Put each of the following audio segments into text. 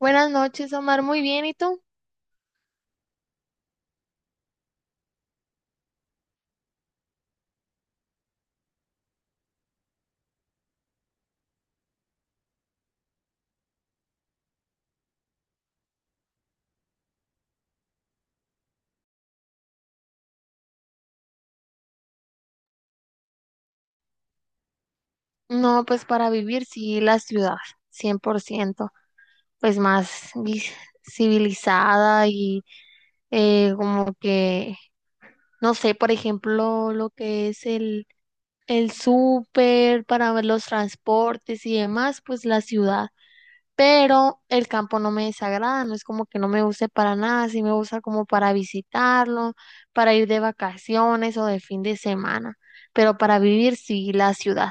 Buenas noches, Omar. Muy bien, ¿y tú? No, pues para vivir sí la ciudad, 100%, pues más vi- civilizada y como que, no sé, por ejemplo, lo que es el súper para ver los transportes y demás, pues la ciudad. Pero el campo no me desagrada, no es como que no me use para nada, sí me gusta como para visitarlo, para ir de vacaciones o de fin de semana, pero para vivir sí la ciudad.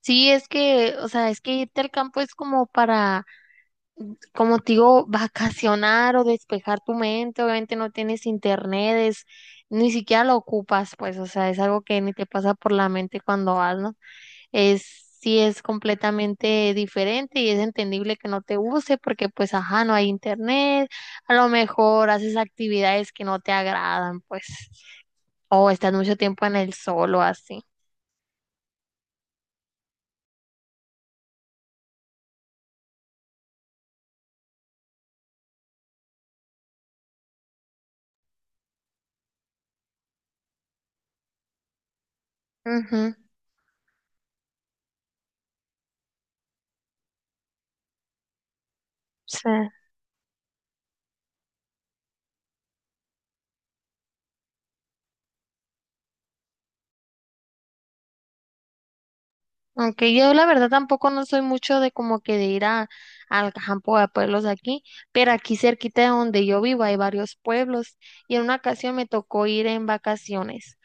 Sí, es que, o sea, es que irte al campo es como para, como te digo, vacacionar o despejar tu mente. Obviamente no tienes internet, es- ni siquiera lo ocupas, pues, o sea, es algo que ni te pasa por la mente cuando vas, ¿no? Es, sí es completamente diferente y es entendible que no te guste porque, pues, ajá, no hay internet, a lo mejor haces actividades que no te agradan, pues, o estás mucho tiempo en el sol o así. Ujú, sí. Aunque yo la verdad tampoco no soy mucho de como que de ir a, al campo a pueblos aquí, pero aquí cerquita de donde yo vivo hay varios pueblos y en una ocasión me tocó ir en vacaciones.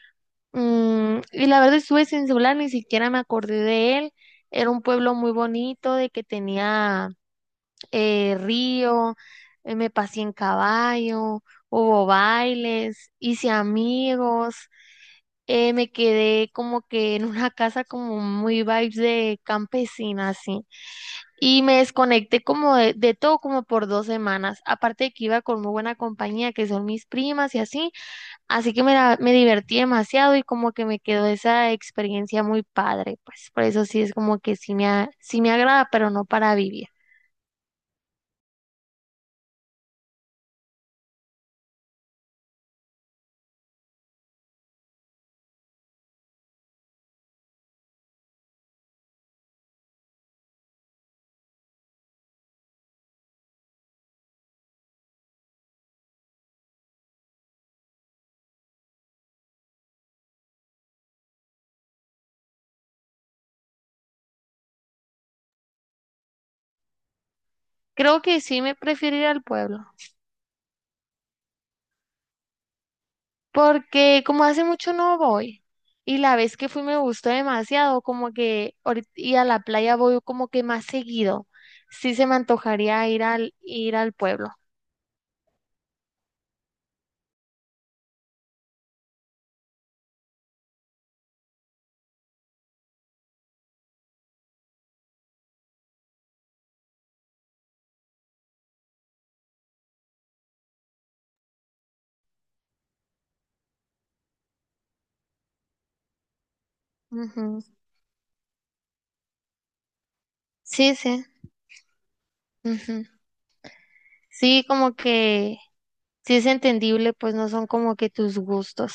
Mm, y la verdad estuve sin celular, ni siquiera me acordé de él. Era un pueblo muy bonito, de que tenía río, me pasé en caballo, hubo bailes, hice amigos me quedé como que en una casa como muy vibes de campesina, así. Y me desconecté como de todo como por dos semanas. Aparte de que iba con muy buena compañía, que son mis primas y así. Así que me, la- me divertí demasiado y como que me quedó esa experiencia muy padre. Pues por eso sí es como que sí me, a- sí me agrada, pero no para vivir. Creo que sí me prefiero ir al pueblo. Porque como hace mucho no voy y la vez que fui me gustó demasiado, como que ahorit- y a la playa voy como que más seguido. Sí se me antojaría ir al pueblo. Ujú. Sí, sí. Ujú. Sí, como que sí es entendible, pues no son como que tus gustos.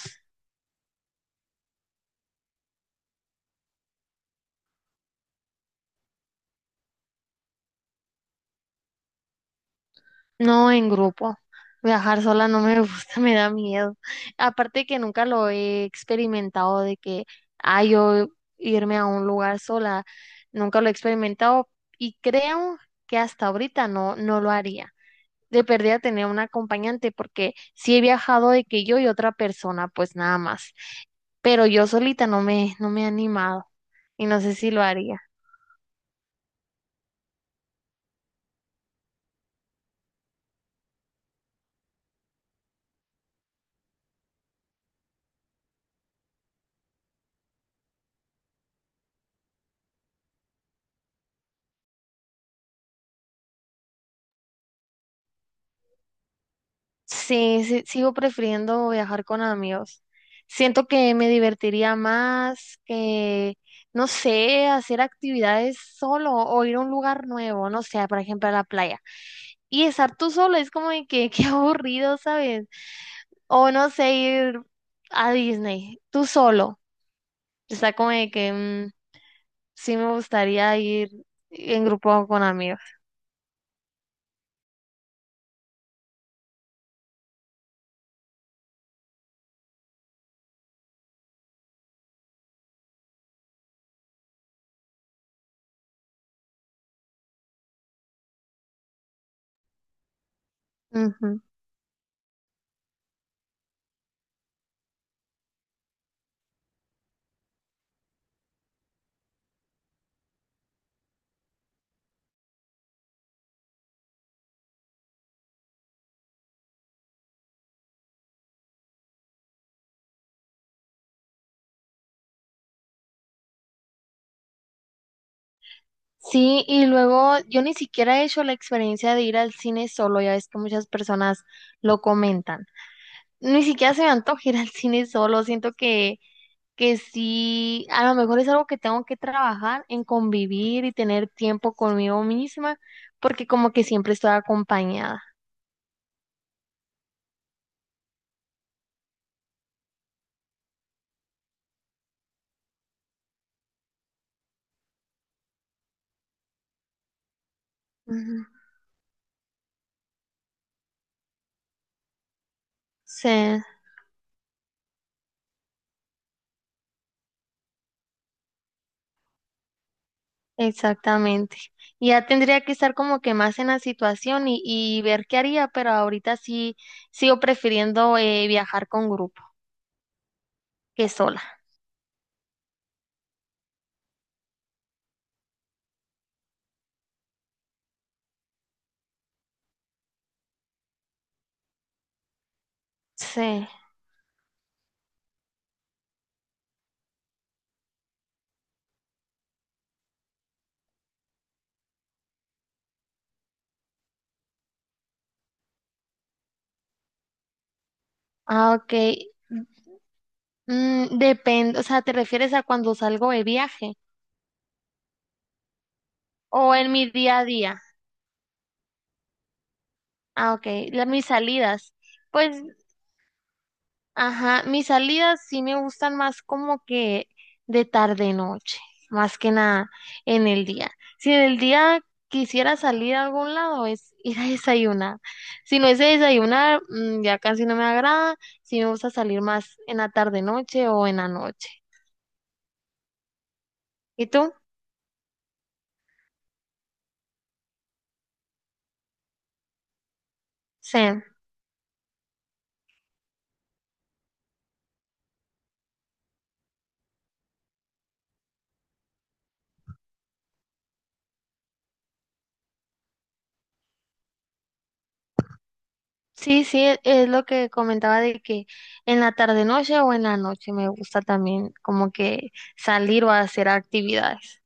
No, en grupo. Viajar sola no me gusta, me da miedo. Aparte que nunca lo he experimentado de que, ah, yo irme a un lugar sola, nunca lo he experimentado y creo que hasta ahorita no, no lo haría. De perdida tener un acompañante porque sí he viajado de que yo y otra persona, pues nada más. Pero yo solita no me, no me he animado y no sé si lo haría. Sí, sí, sigo prefiriendo viajar con amigos. Siento que me divertiría más que, no sé, hacer actividades solo o ir a un lugar nuevo, no sé, por ejemplo, a la playa. Y estar tú solo es como de que, qué aburrido, ¿sabes? O no sé, ir a Disney, tú solo. Está como de que mm, sí me gustaría ir en grupo con amigos. Ujú. Sí, y luego yo ni siquiera he hecho la experiencia de ir al cine solo, ya ves que muchas personas lo comentan. Ni siquiera se me antoja ir al cine solo, siento que sí, a lo mejor es algo que tengo que trabajar en convivir y tener tiempo conmigo misma, porque como que siempre estoy acompañada. Ujú. Sí, exactamente. Y ya tendría que estar como que más en la situación y ver qué haría, pero ahorita sí sigo prefiriendo viajar con grupo que sola. Sí. Ah, ok. Mm, depende, o sea, ¿te refieres a cuando salgo de viaje o en mi día a día? Ah, ok. La- mis salidas. Pues, ajá, mis salidas sí me gustan más como que de tarde noche, más que nada en el día. Si en el día quisiera salir a algún lado es ir a desayunar. Si no es de desayunar, mm, ya casi no me agrada. Sí me gusta salir más en la tarde noche o en la noche. ¿Y tú? Sí. Sí, sí, e- es lo que comentaba de que en la tarde noche o en la noche me gusta también como que salir o hacer actividades.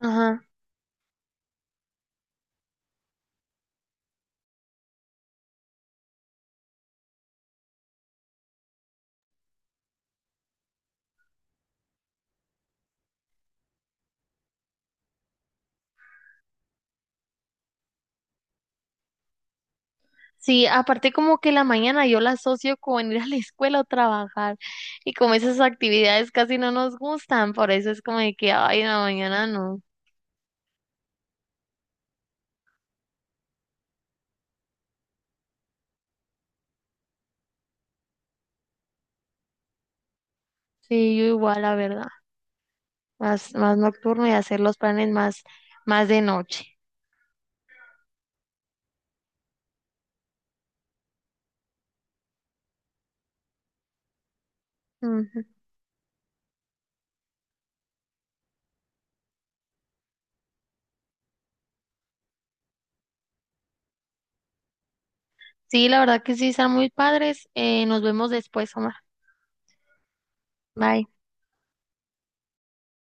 Ajá. Sí, aparte como que la mañana yo la asocio con ir a la escuela o trabajar y como esas actividades casi no nos gustan, por eso es como de que, ay, en la mañana no. Sí, yo igual, la verdad, más, más nocturno y hacer los planes más, más de noche. Ujú. Sí, la verdad que sí, están muy padres. Nos vemos después, Omar. Bye.